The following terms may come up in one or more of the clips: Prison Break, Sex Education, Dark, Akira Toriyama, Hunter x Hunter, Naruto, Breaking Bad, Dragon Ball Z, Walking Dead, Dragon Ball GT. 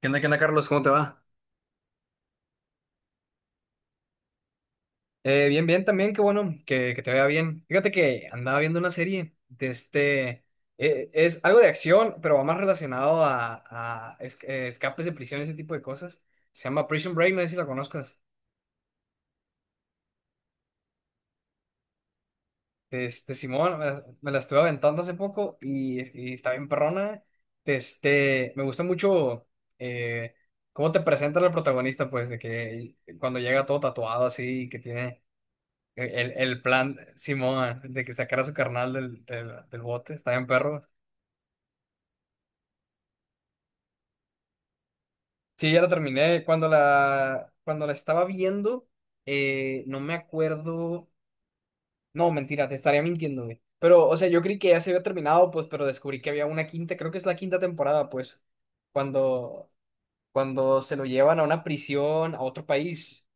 Qué onda, Carlos? ¿Cómo te va? Bien, bien también, qué bueno que te vaya bien. Fíjate que andaba viendo una serie de este... es algo de acción, pero va más relacionado a escapes de prisión, ese tipo de cosas. Se llama Prison Break, no sé si la conozcas. Este, Simón, me la estuve aventando hace poco y está bien perrona. Este, me gusta mucho eh, cómo te presenta la protagonista, pues, de que cuando llega todo tatuado así, que tiene. El plan Simón, de que sacara a su carnal del bote, está bien perro. Sí, ya la terminé. Cuando la estaba viendo, no me acuerdo. No, mentira, te estaría mintiendo, güey. Pero, o sea, yo creí que ya se había terminado, pues, pero descubrí que había una quinta, creo que es la quinta temporada, pues. Cuando, cuando se lo llevan a una prisión, a otro país.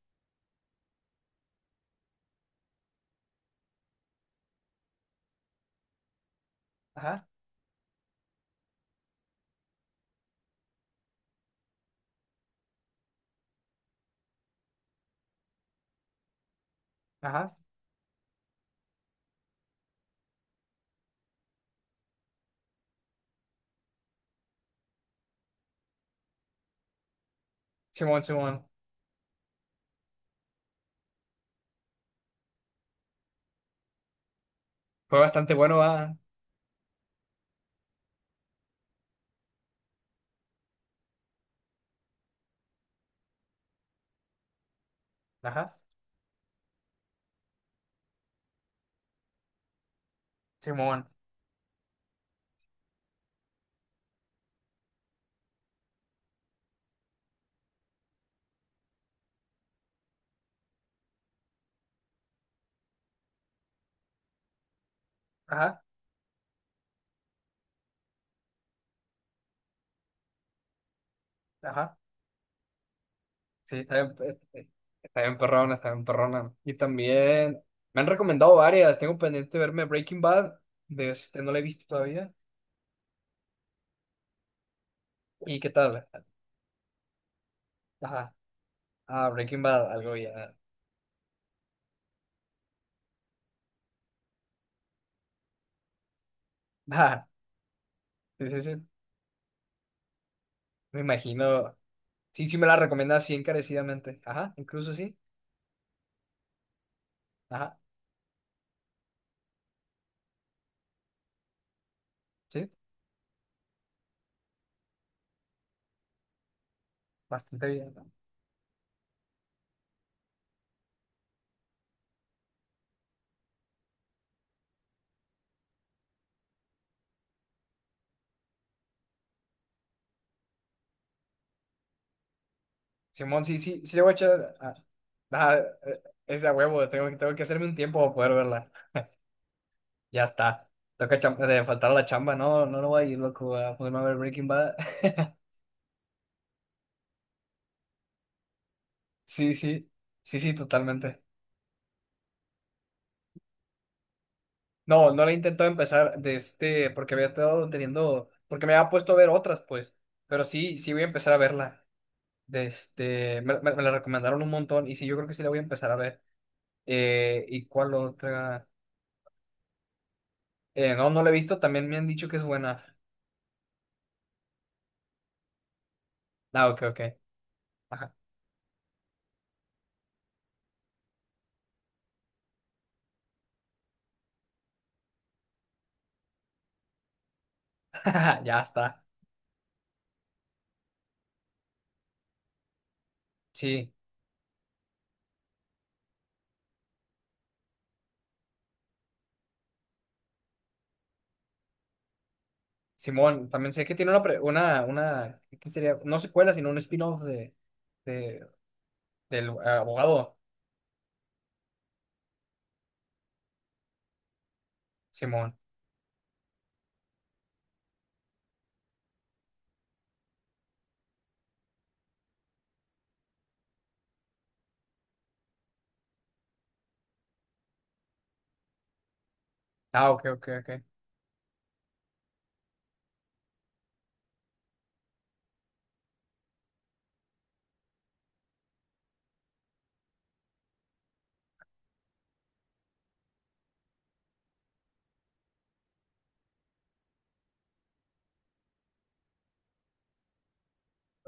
Ajá, ajá. Simón, Simón. Fue bastante bueno, ah. Ajá, Simón. Ajá, ajá. Sí, está bien, está bien perrona, está bien perrona. Y también me han recomendado varias. Tengo pendiente de verme Breaking Bad. De este, no la he visto todavía. ¿Y qué tal? Ajá. Ah, Breaking Bad, algo ya. Ajá. Sí, sí, sí. Me imagino. Sí, sí me la recomienda así encarecidamente. Ajá, incluso sí. Ajá, sí. Bastante bien, ¿no? Simón, sí, sí, sí le voy a echar. Ah, ajá, es de a huevo. Tengo que hacerme un tiempo para poder verla. Ya está. De faltar a la chamba, no, no voy a ir, loco, a ponerme a ver Breaking Bad. Sí, sí, sí, sí, totalmente. No, no le he intentado empezar de este, porque había estado teniendo, porque me había puesto a ver otras, pues, pero sí, sí voy a empezar a verla. De este, me la recomendaron un montón y sí, yo creo que sí la voy a empezar a ver. ¿Y cuál otra? No, no la he visto, también me han dicho que es buena. Ah, ok, ok. Ajá. Ya está. Sí. Simón, también sé que tiene una ¿qué sería? No secuela, sino un spin-off de, del abogado, Simón. Ah, ok, ok, ok.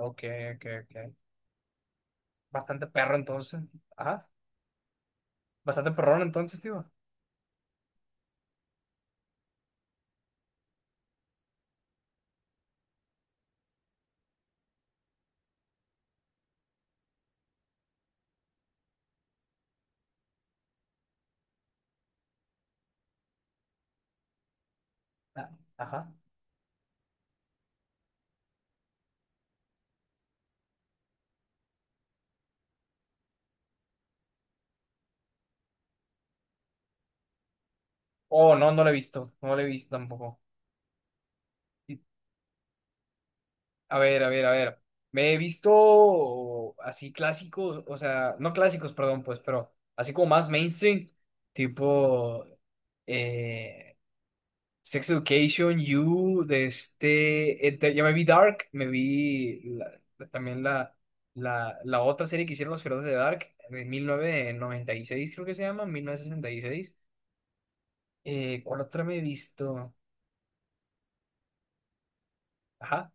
Ok, ok, ok. Bastante perro entonces. Ajá. Bastante perrón entonces, tío. Ah, ajá. Oh, no, no lo he visto. No lo he visto tampoco. Y- A ver, a ver, a ver. Me he visto así clásicos, o sea, no clásicos, perdón, pues, pero así como más mainstream, tipo... Eh, Sex Education, You, de este, ya me vi Dark, me vi también la otra serie que hicieron los creadores de Dark, de 1996 creo que se llama, 1966. ¿Cuál otra me he visto? Ajá.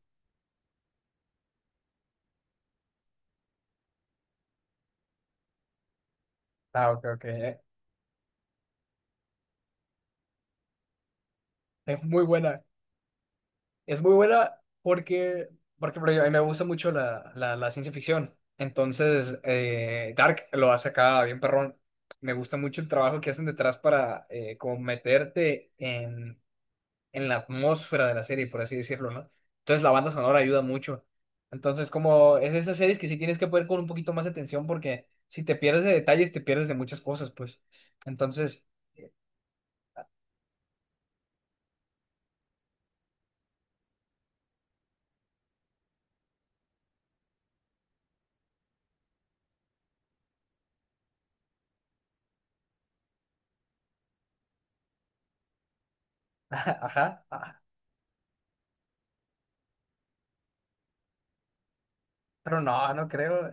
Ah, ok, ok. Es muy buena. Es muy buena porque, porque por ejemplo, a mí me gusta mucho la ciencia ficción. Entonces, Dark lo hace acá bien perrón. Me gusta mucho el trabajo que hacen detrás para como meterte en la atmósfera de la serie, por así decirlo, ¿no? Entonces la banda sonora ayuda mucho. Entonces, como es de esas series que sí tienes que poder con un poquito más de atención porque si te pierdes de detalles, te pierdes de muchas cosas, pues. Entonces, ajá, ah, pero no, no creo.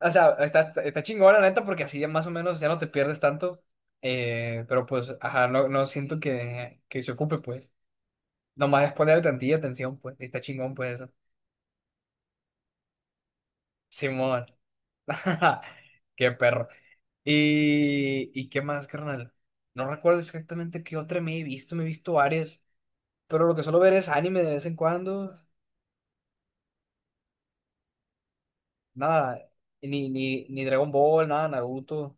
O sea, está, está chingón la neta porque así ya más o menos ya no te pierdes tanto. Pero pues, ajá, no, no siento que se ocupe, pues. Nomás es ponerle tantilla atención, pues. Y está chingón, pues eso. Simón. Qué perro. Y qué más, carnal? No recuerdo exactamente qué otra me he visto varias, pero lo que suelo ver es anime de vez en cuando, nada, ni Dragon Ball, nada, Naruto,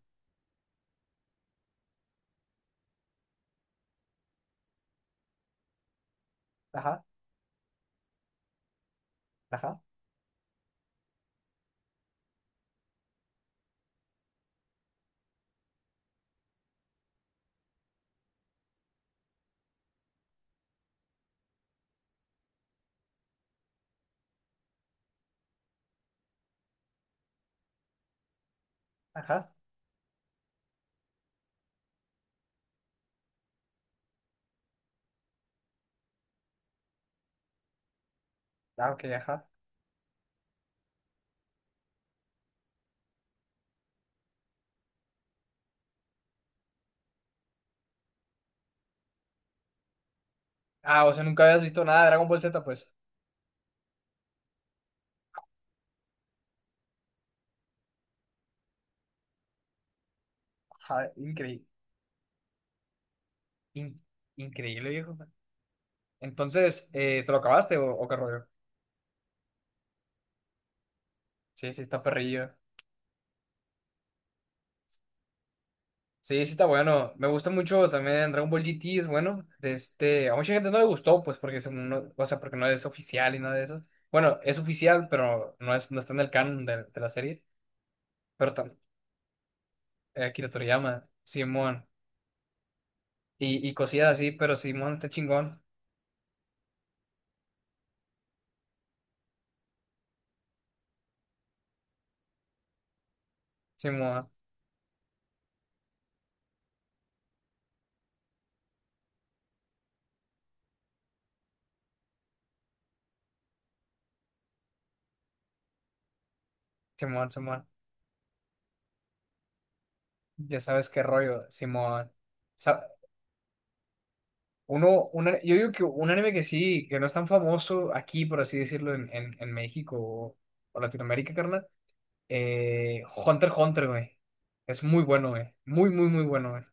ajá, ajá, ajá, ah, ok, ajá. Ah, o sea, nunca habías visto nada de Dragon Ball Z, pues, ajá, increíble, increíble, viejo. Entonces, ¿te lo acabaste o qué rollo? Sí, sí, está perrillo. Sí, sí está bueno. Me gusta mucho también Dragon Ball GT, es bueno. De este, a mucha gente no le gustó, pues, porque según no, o sea, porque no es oficial y nada de eso. Bueno, es oficial, pero no es, no está en el canon de la serie. Pero tam- Akira Toriyama, Simón, y cosillas así, pero Simón está chingón. Simón, Simón, Simón. Ya sabes qué rollo, Simón. Sa- yo digo que un anime que sí, que no es tan famoso aquí, por así decirlo, en México o Latinoamérica, carnal. Hunter x Hunter, güey. Es muy bueno, güey. Muy, muy, muy bueno, güey.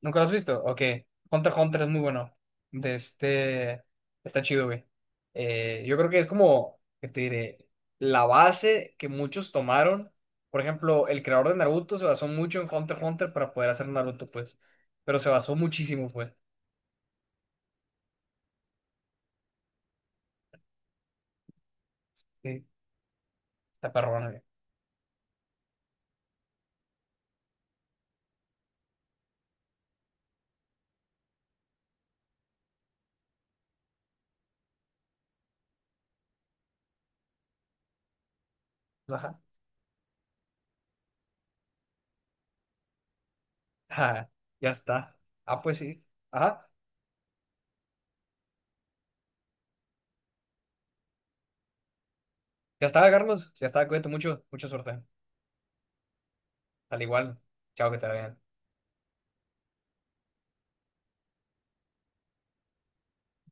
¿Nunca lo has visto? Ok. Hunter x Hunter es muy bueno. De este... Está chido, güey. Yo creo que es como, ¿qué te diré? La base que muchos tomaron. Por ejemplo, el creador de Naruto se basó mucho en Hunter x Hunter para poder hacer Naruto, pues. Pero se basó muchísimo, pues. Sí. Está perrona, güey. Ajá. Ajá. Ya está. Ah, pues sí. Ajá. Ya está, Carlos. Ya está. Cuídate mucho. Mucha suerte. Al igual, chao, que te vaya bien.